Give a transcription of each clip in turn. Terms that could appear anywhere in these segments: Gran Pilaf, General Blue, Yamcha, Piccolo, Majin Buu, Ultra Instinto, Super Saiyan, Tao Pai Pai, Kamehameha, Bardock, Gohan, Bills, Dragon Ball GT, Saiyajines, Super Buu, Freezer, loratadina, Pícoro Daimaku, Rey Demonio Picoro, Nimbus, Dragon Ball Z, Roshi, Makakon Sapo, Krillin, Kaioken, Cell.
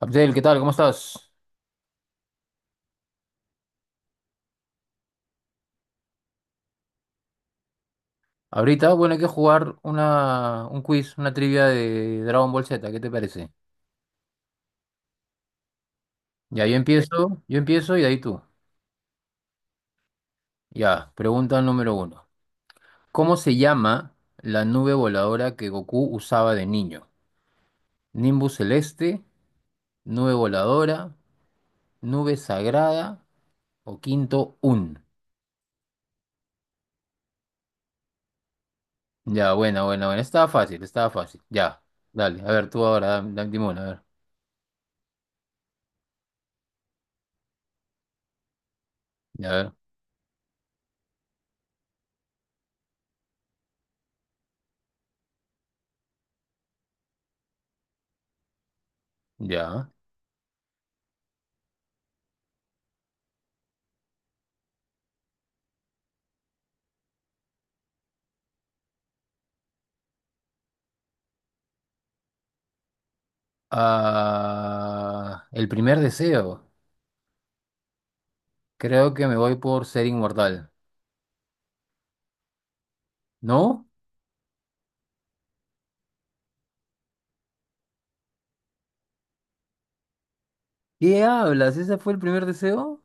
Abdel, ¿qué tal? ¿Cómo estás? Ahorita, bueno, hay que jugar un quiz, una trivia de Dragon Ball Z, ¿qué te parece? Ya, yo empiezo y de ahí tú. Ya, pregunta número uno. ¿Cómo se llama la nube voladora que Goku usaba de niño? ¿Nimbus celeste, nube voladora, nube sagrada o quinto Un? Ya, buena, buena, buena. Estaba fácil, estaba fácil. Ya, dale, a ver, tú ahora, dame, dime una, a ver, ya. Ah, el primer deseo. Creo que me voy por ser inmortal. ¿No? ¿Qué hablas? ¿Ese fue el primer deseo?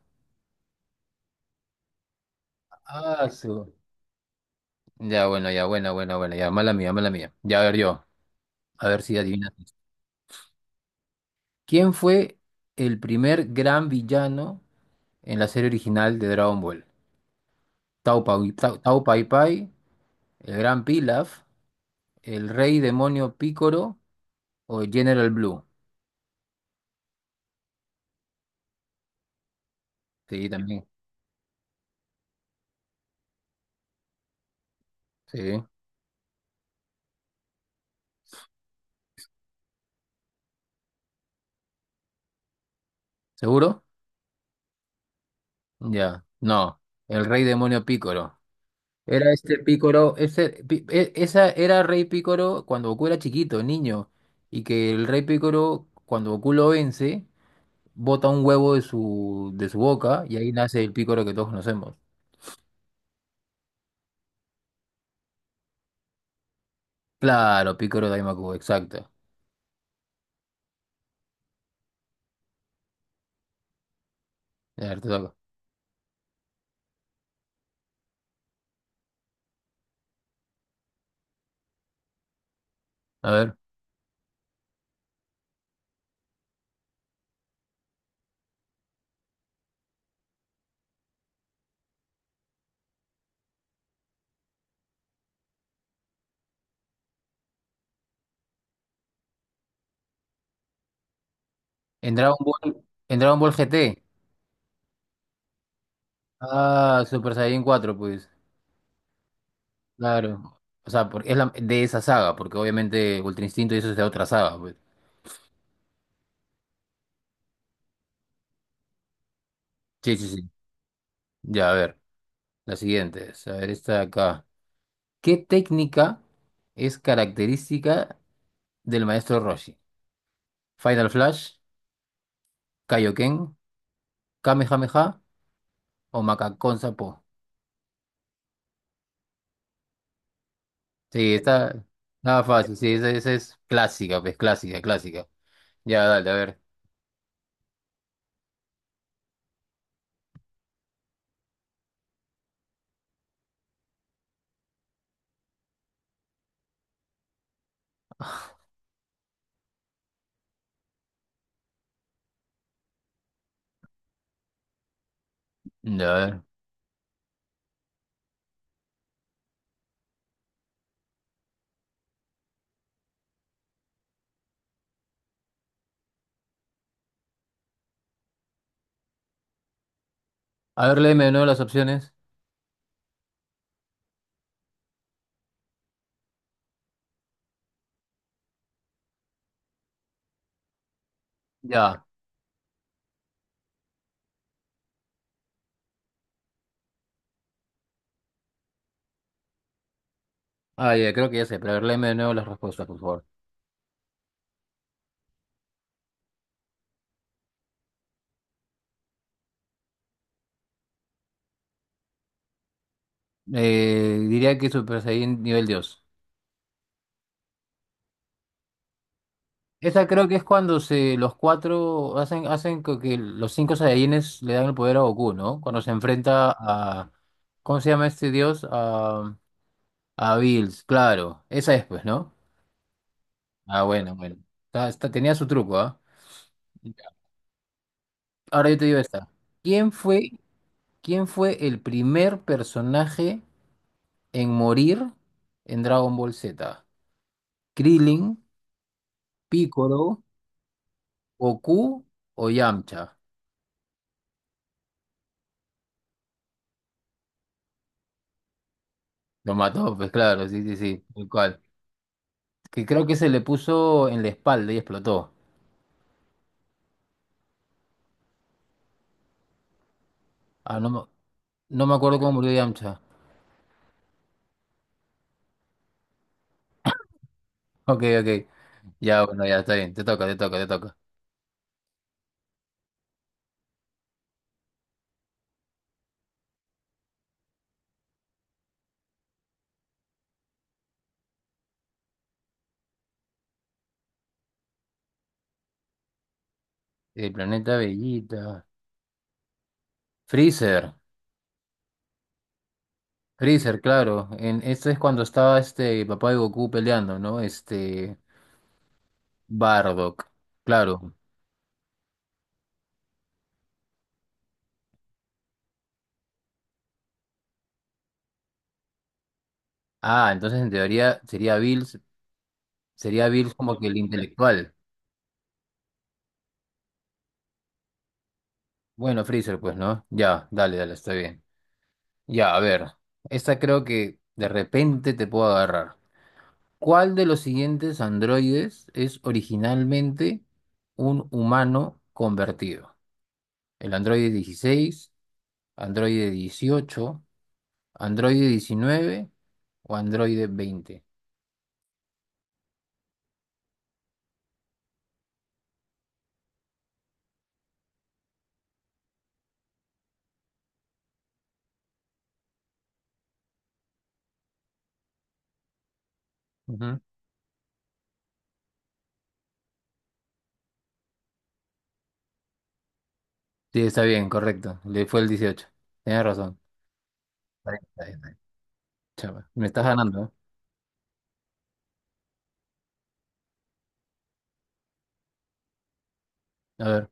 Ah, su. Ya, bueno, ya, bueno, bueno, bueno. Ya, mala mía, mala mía. Ya, a ver yo. A ver si adivinas. ¿Quién fue el primer gran villano en la serie original de Dragon Ball? Tao Pau, Tao, Tao Pai Pai, el Gran Pilaf, el Rey Demonio Picoro o General Blue. Sí, también. Sí. ¿Seguro? Ya, no, el rey demonio Pícoro. Era este Pícoro, ese, esa era rey Pícoro cuando Goku era chiquito, niño, y que el rey Pícoro, cuando Goku lo vence, bota un huevo de de su boca y ahí nace el Pícoro que todos conocemos. Claro, Pícoro Daimaku, exacto. A ver, te toca. A ver, en Dragon Ball, en Dragon Ball GT. Ah, Super Saiyan cuatro, pues. Claro. O sea, porque es de esa saga, porque obviamente Ultra Instinto y eso es de otra saga, pues. Sí, sí, sí. Ya, a ver, la siguiente es, a ver, esta de acá. ¿Qué técnica es característica del maestro Roshi? ¿Final Flash, Kaioken, Kamehameha o Makakon Sapo? Sí, está nada fácil, sí, esa es clásica, pues clásica, clásica. Ya, dale, a ver. Ya, a ver. A ver, léeme de nuevo las opciones. Ya. Ah, ya, creo que ya sé, pero a ver, léeme de nuevo las respuestas, por favor. Diría que Super Saiyan nivel 2. Esa creo que es cuando se, los cuatro hacen, hacen co- que los cinco Saiyajines le dan el poder a Goku, ¿no? Cuando se enfrenta a... ¿Cómo se llama este dios? A Bills, claro. Esa es, pues, ¿no? Ah, bueno, bueno. Tenía su truco, ¿ah? Ahora yo te digo esta. ¿Quién fue, ¿quién fue el primer personaje en morir en Dragon Ball Z? ¿Krillin, Piccolo, Goku o Yamcha? Lo mató, pues claro, sí, sí, sí, tal cual. Que creo que se le puso en la espalda y explotó. Ah, no me acuerdo cómo murió Yamcha. Ok, ok. Ya, bueno, ya está bien. Te toca, te toca, te toca. El planeta Bellita. Freezer. Freezer, claro. En, esto es cuando estaba este papá de Goku peleando, ¿no? Este. Bardock. Claro. Ah, entonces en teoría sería Bills. Sería Bills como que el intelectual. Bueno, Freezer, pues, ¿no? Ya, dale, dale, está bien. Ya, a ver. Esta creo que de repente te puedo agarrar. ¿Cuál de los siguientes androides es originalmente un humano convertido? ¿El androide 16, androide 18, androide 19 o androide 20? Ujú. Sí, está bien, correcto. Le fue el 18. Tienes razón. Está bien, está bien, está bien. Chapa, me estás ganando, ¿eh? A ver.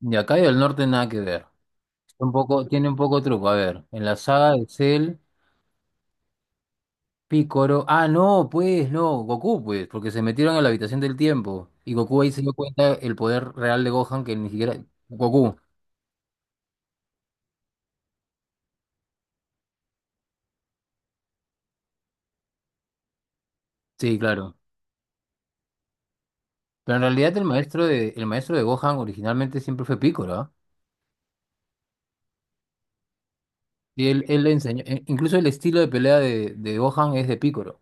Y acá y del norte nada que ver. Está un poco, tiene un poco de truco. A ver, en la saga de Cell, Picoro. Ah, no, pues, no, Goku, pues, porque se metieron a la habitación del tiempo. Y Goku ahí se dio cuenta el poder real de Gohan, que ni siquiera. Goku, sí, claro. Pero en realidad el maestro de Gohan originalmente siempre fue Picoro, ¿ah? Y él le enseñó. Incluso el estilo de pelea de Gohan es de Picoro.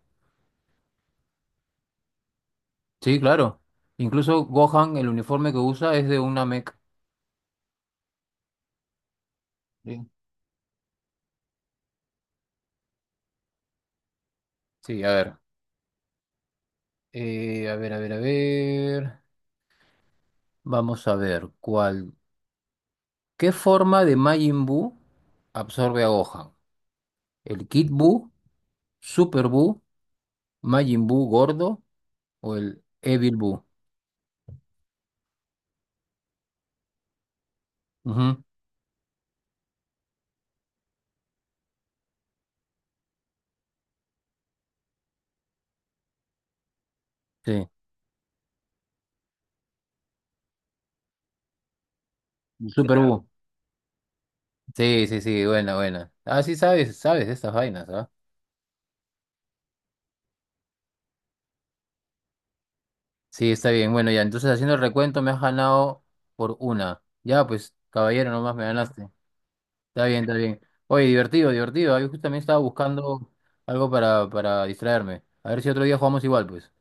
Sí, claro. Incluso Gohan, el uniforme que usa es de una mech. Sí, Sí, a ver. A ver, a ver, a ver. Vamos a ver cuál. ¿Qué forma de Majin Buu absorbe a Gohan? ¿El Kid Buu, Super Buu, Majin Buu gordo o el Evil Buu? Ujú, sí, Super Mira, Buu. Sí, sí, sí, buena, buena. Ah, sí, sabes, sabes de estas vainas, ¿ah? Sí, está bien. Bueno, ya, entonces haciendo el recuento me has ganado por una. Ya, pues, caballero, nomás me ganaste. Está bien, está bien. Oye, divertido, divertido. Ah, yo justamente estaba buscando algo para distraerme. A ver si otro día jugamos igual, pues.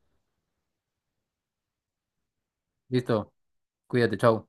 Listo, cuídate, chao.